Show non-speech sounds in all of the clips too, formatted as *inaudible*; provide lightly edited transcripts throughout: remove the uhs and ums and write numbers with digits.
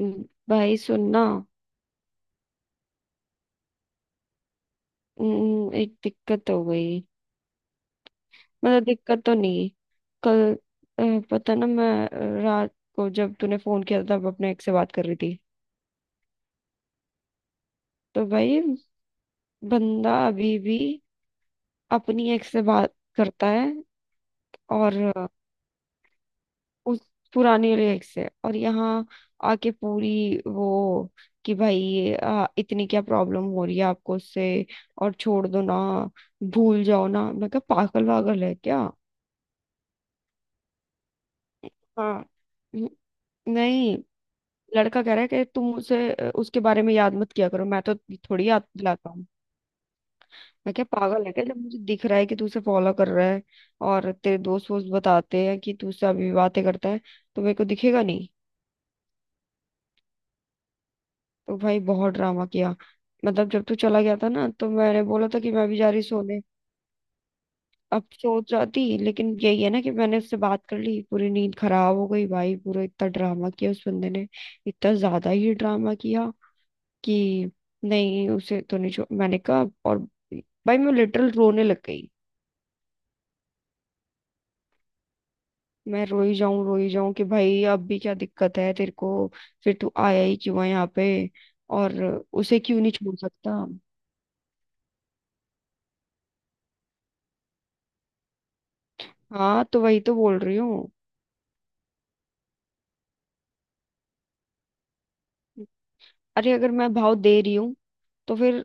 हम्म, भाई सुनना। एक दिक्कत हो गई। मतलब दिक्कत तो नहीं। कल अ, पता ना मैं रात को जब तूने फोन किया था तब अपने एक से बात कर रही थी। तो भाई बंदा अभी भी अपनी एक से बात करता है। और उस पुरानी वाली एक से और यहाँ आके पूरी वो। कि भाई इतनी क्या प्रॉब्लम हो रही है आपको उससे। और छोड़ दो ना। भूल जाओ ना। मैं क्या पागल वागल है क्या। हाँ। न- नहीं। लड़का कह रहा है कि तुम उसे उसके बारे में याद मत किया करो मैं तो थोड़ी याद दिलाता हूँ। मैं क्या पागल है क्या जब मुझे दिख रहा है कि तू उसे फॉलो कर रहा है और तेरे दोस्त वोस्त बताते हैं कि तू उससे अभी बातें करता है तो मेरे को दिखेगा नहीं। तो भाई बहुत ड्रामा किया। मतलब जब तू चला गया था ना तो मैंने बोला था कि मैं भी जा रही सोने। अब सो जाती लेकिन यही है ना कि मैंने उससे बात कर ली पूरी नींद खराब हो गई। भाई पूरा इतना ड्रामा किया उस बंदे ने। इतना ज्यादा ही ड्रामा किया कि नहीं उसे तो नहीं छोड़। मैंने कहा और भाई मैं लिटरल रोने लग गई। मैं रोई जाऊं कि भाई अब भी क्या दिक्कत है तेरे को। फिर तू आया ही क्यों है यहाँ पे। और उसे क्यों नहीं छोड़ सकता। हाँ तो वही तो बोल रही हूँ। अरे अगर मैं भाव दे रही हूँ तो फिर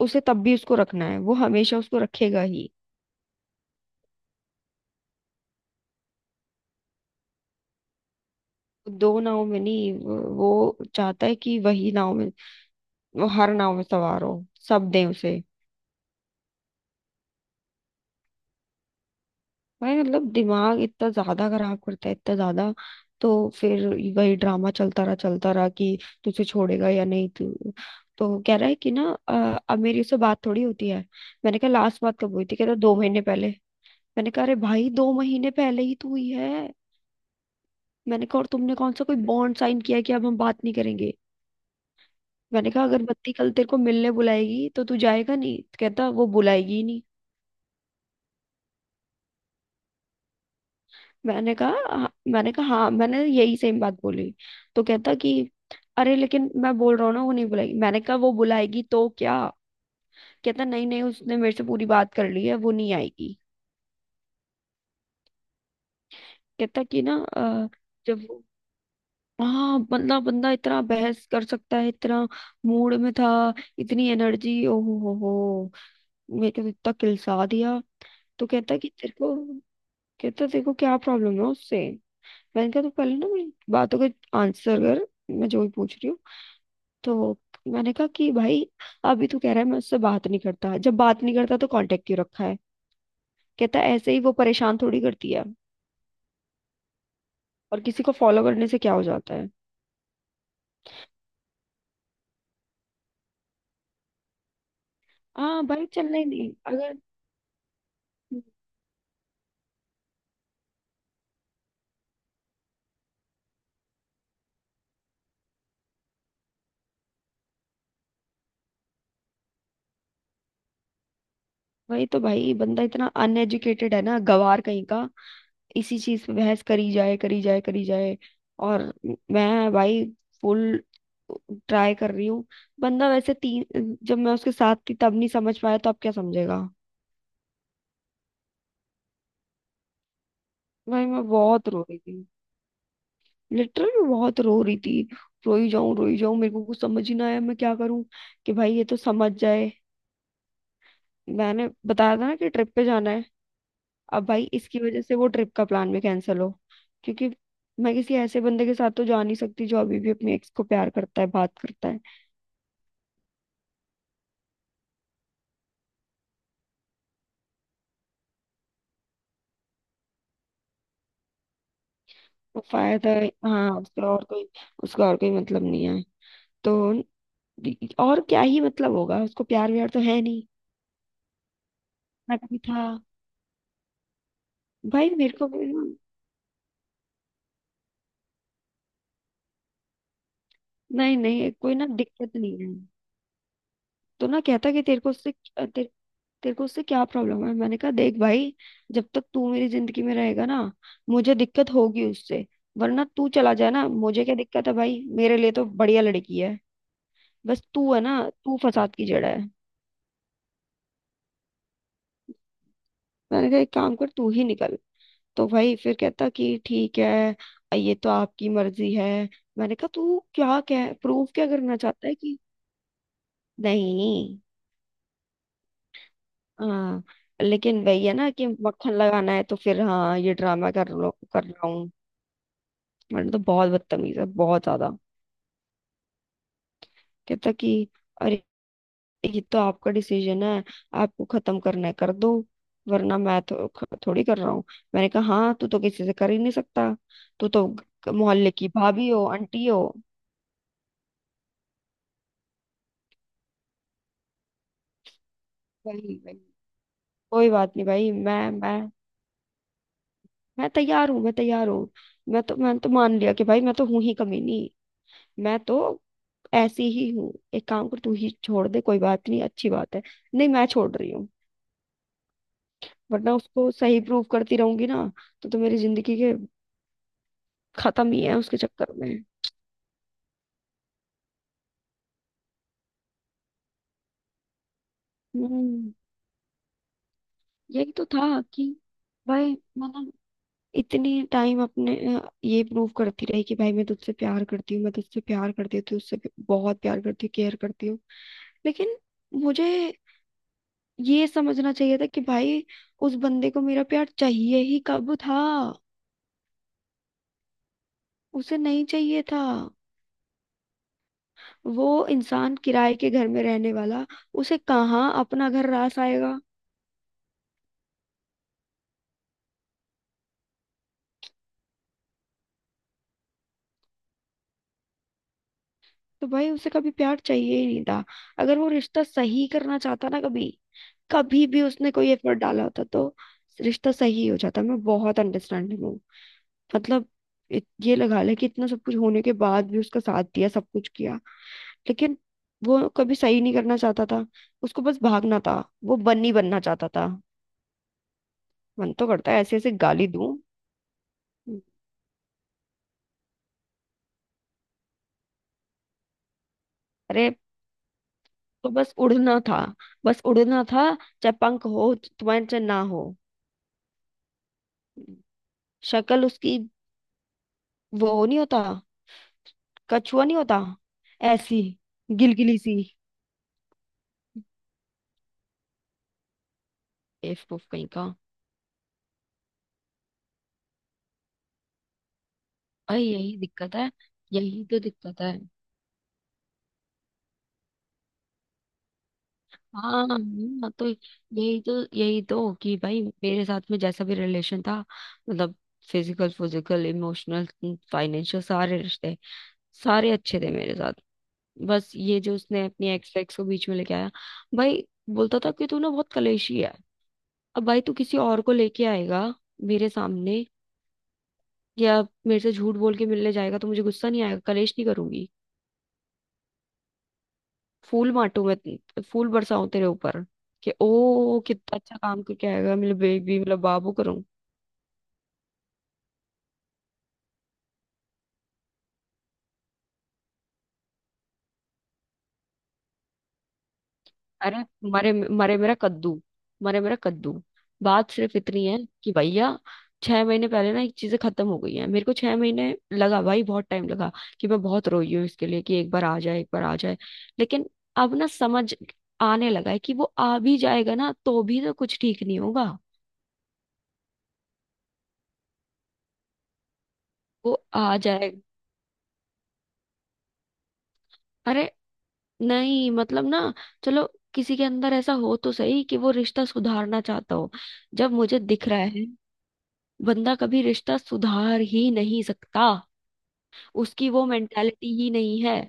उसे तब भी उसको रखना है। वो हमेशा उसको रखेगा ही। दो नाव में नहीं। वो चाहता है कि वही नाव में वो हर नाव में सवार हो। सब दें उसे। भाई मतलब दिमाग इतना ज्यादा खराब करता है इतना ज्यादा। तो फिर वही ड्रामा चलता रहा कि तुझे छोड़ेगा या नहीं। तू तो कह रहा है कि ना अब मेरी उससे बात थोड़ी होती है। मैंने कहा लास्ट बात कब हुई थी। कह रहा 2 महीने पहले। मैंने कहा अरे भाई 2 महीने पहले ही तो हुई है। मैंने कहा और तुमने कौन सा कोई बॉन्ड साइन किया है कि अब हम बात नहीं करेंगे। मैंने कहा अगर बत्ती कल तेरे को मिलने बुलाएगी तो तू जाएगा नहीं। कहता वो बुलाएगी ही नहीं। मैंने कहा "हाँ," मैंने कहा हाँ मैंने यही सेम बात बोली। तो कहता कि अरे लेकिन मैं बोल रहा हूँ ना वो नहीं बुलाएगी। मैंने कहा वो बुलाएगी तो क्या। कहता नहीं नहीं उसने मेरे से पूरी बात कर ली है। वो नहीं आएगी। कहता कि ना जब वो हाँ बंदा बंदा इतना बहस कर सकता है इतना मूड में था। इतनी एनर्जी। ओहो हो हो। मेरे को तो इतना किलसा दिया। तो कहता कि तेरे को। कहता तेरे को क्या प्रॉब्लम है उससे। मैंने कहा तो पहले ना मेरी बातों का आंसर कर। मैं जो भी पूछ रही हूँ। तो मैंने कहा कि भाई अभी तू कह रहा है मैं उससे बात नहीं करता। जब बात नहीं करता तो कांटेक्ट क्यों रखा है। कहता है ऐसे ही वो परेशान थोड़ी करती है। और किसी को फॉलो करने से क्या हो जाता है। हाँ भाई चलना ही नहीं अगर। वही तो। भाई बंदा इतना अनएजुकेटेड है ना गवार कहीं का। इसी चीज पे बहस करी जाए करी जाए करी जाए। और मैं भाई फुल ट्राई कर रही हूँ। बंदा वैसे तीन जब मैं उसके साथ थी तब नहीं समझ पाया तो अब क्या समझेगा। भाई मैं बहुत रो रही थी। लिटरली मैं बहुत रो रही थी। रोई जाऊं मेरे को कुछ समझ ही ना आया। मैं क्या करूं कि भाई ये तो समझ जाए। मैंने बताया था ना कि ट्रिप पे जाना है। अब भाई इसकी वजह से वो ट्रिप का प्लान भी कैंसिल हो। क्योंकि मैं किसी ऐसे बंदे के साथ तो जा नहीं सकती जो अभी भी अपने एक्स को प्यार करता है बात करता है। तो फायदा। हाँ उसका और कोई मतलब नहीं है। तो और क्या ही मतलब होगा। उसको प्यार व्यार तो है नहीं। ना कभी था। भाई मेरे को भी ना। नहीं नहीं कोई ना दिक्कत नहीं है। तो ना कहता कि तेरे को उससे तेरे तेरे को उससे क्या प्रॉब्लम है। मैंने कहा देख भाई जब तक तू मेरी जिंदगी में रहेगा ना मुझे दिक्कत होगी उससे। वरना तू चला जाए ना मुझे क्या दिक्कत है। भाई मेरे लिए तो बढ़िया लड़की है। बस तू है ना। तू फसाद की जड़ है। मैंने कहा एक काम कर तू ही निकल। तो भाई फिर कहता कि ठीक है ये तो आपकी मर्जी है। मैंने कहा तू क्या कह प्रूफ क्या करना चाहता है कि। नहीं। हाँ। लेकिन वही है ना कि मक्खन लगाना है तो फिर हाँ ये ड्रामा कर लो कर रहा हूँ। मैंने तो बहुत बदतमीज है बहुत ज्यादा। कहता कि अरे ये तो आपका डिसीजन है। आपको खत्म करना है कर दो। वरना मैं तो थोड़ी कर रहा हूँ। मैंने कहा हाँ तू तो किसी से कर ही नहीं सकता। तू तो मोहल्ले की भाभी हो आंटी हो। वही वही। कोई बात नहीं भाई। मैं तैयार हूँ मैं तैयार हूँ। मैंने तो मान लिया कि भाई मैं तो हूँ ही कमीनी। मैं तो ऐसी ही हूँ एक काम कर तू ही छोड़ दे कोई बात नहीं अच्छी बात है। नहीं मैं छोड़ रही हूँ। वरना उसको सही प्रूव करती रहूंगी ना तो मेरी जिंदगी के खत्म ही है उसके चक्कर में। हम्म। यही तो था कि भाई मतलब इतने टाइम अपने ये प्रूव करती रही कि भाई मैं तुझसे प्यार करती हूँ मैं तुझसे प्यार करती हूँ तुझसे बहुत प्यार करती हूँ केयर करती हूँ। लेकिन मुझे ये समझना चाहिए था कि भाई उस बंदे को मेरा प्यार चाहिए ही कब था। उसे नहीं चाहिए था। वो इंसान किराए के घर में रहने वाला। उसे कहाँ अपना घर रास आएगा। तो भाई उसे कभी प्यार चाहिए ही नहीं था। अगर वो रिश्ता सही करना चाहता ना कभी कभी भी उसने कोई एफर्ट डाला होता तो रिश्ता सही हो जाता। मैं बहुत अंडरस्टैंडिंग हूँ। मतलब ये लगा ले कि इतना सब कुछ होने के बाद भी उसका साथ दिया सब कुछ किया। लेकिन वो कभी सही नहीं करना चाहता था। उसको बस भागना था। वो बन्नी बनना चाहता था। मन तो करता है ऐसे ऐसे गाली दूं। अरे तो बस उड़ना था। बस उड़ना था। चाहे पंख हो तुम्हारे चाहे ना हो। शक्ल उसकी वो नहीं होता कछुआ नहीं होता। ऐसी गिलगिली सी बेवकूफ कहीं का। अरे यही दिक्कत है। यही तो दिक्कत है। हाँ हाँ, तो यही तो कि भाई मेरे साथ में जैसा भी रिलेशन था। मतलब फिजिकल फिजिकल इमोशनल फाइनेंशियल सारे रिश्ते सारे अच्छे थे मेरे साथ। बस ये जो उसने अपनी एक्स एक्स को बीच में लेके आया। भाई बोलता था कि तू ना बहुत कलेशी है। अब भाई तू किसी और को लेके आएगा मेरे सामने या मेरे से झूठ बोल के मिलने जाएगा तो मुझे गुस्सा नहीं आएगा कलेश नहीं करूंगी। फूल बांटू मैं फूल बरसाऊं तेरे ऊपर। कि ओ कितना अच्छा काम करके आएगा मेरे बेबी मेरा बाबू। अरे मरे मरे मेरा कद्दू। मरे मेरा कद्दू। बात सिर्फ इतनी है कि भैया 6 महीने पहले ना एक चीजें खत्म हो गई है। मेरे को 6 महीने लगा भाई बहुत टाइम लगा। कि मैं बहुत रोई हूँ इसके लिए कि एक बार आ जाए एक बार आ जाए। लेकिन अब ना समझ आने लगा है कि वो आ भी जाएगा ना तो भी तो कुछ ठीक नहीं होगा। वो आ जाएगा। अरे नहीं मतलब ना। चलो किसी के अंदर ऐसा हो तो सही कि वो रिश्ता सुधारना चाहता हो। जब मुझे दिख रहा है बंदा कभी रिश्ता सुधार ही नहीं सकता। उसकी वो मेंटालिटी ही नहीं है।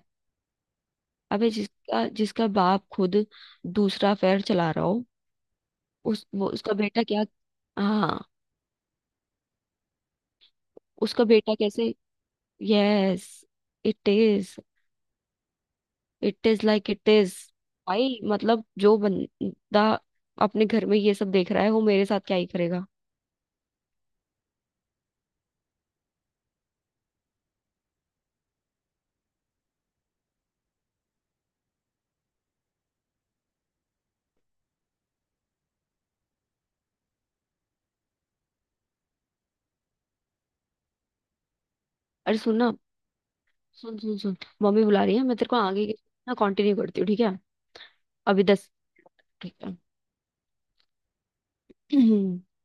अबे जिसका जिसका बाप खुद दूसरा अफेयर चला रहा हो उस वो उसका बेटा क्या। हाँ उसका बेटा कैसे। Yes it is it is like it is. भाई मतलब जो बंदा अपने घर में ये सब देख रहा है वो मेरे साथ क्या ही करेगा। अरे सुन ना। सुन सुन सुन। मम्मी बुला रही है। मैं तेरे को आगे ना कंटिन्यू करती हूँ ठीक है। अभी 10। ठीक है। *clears throat*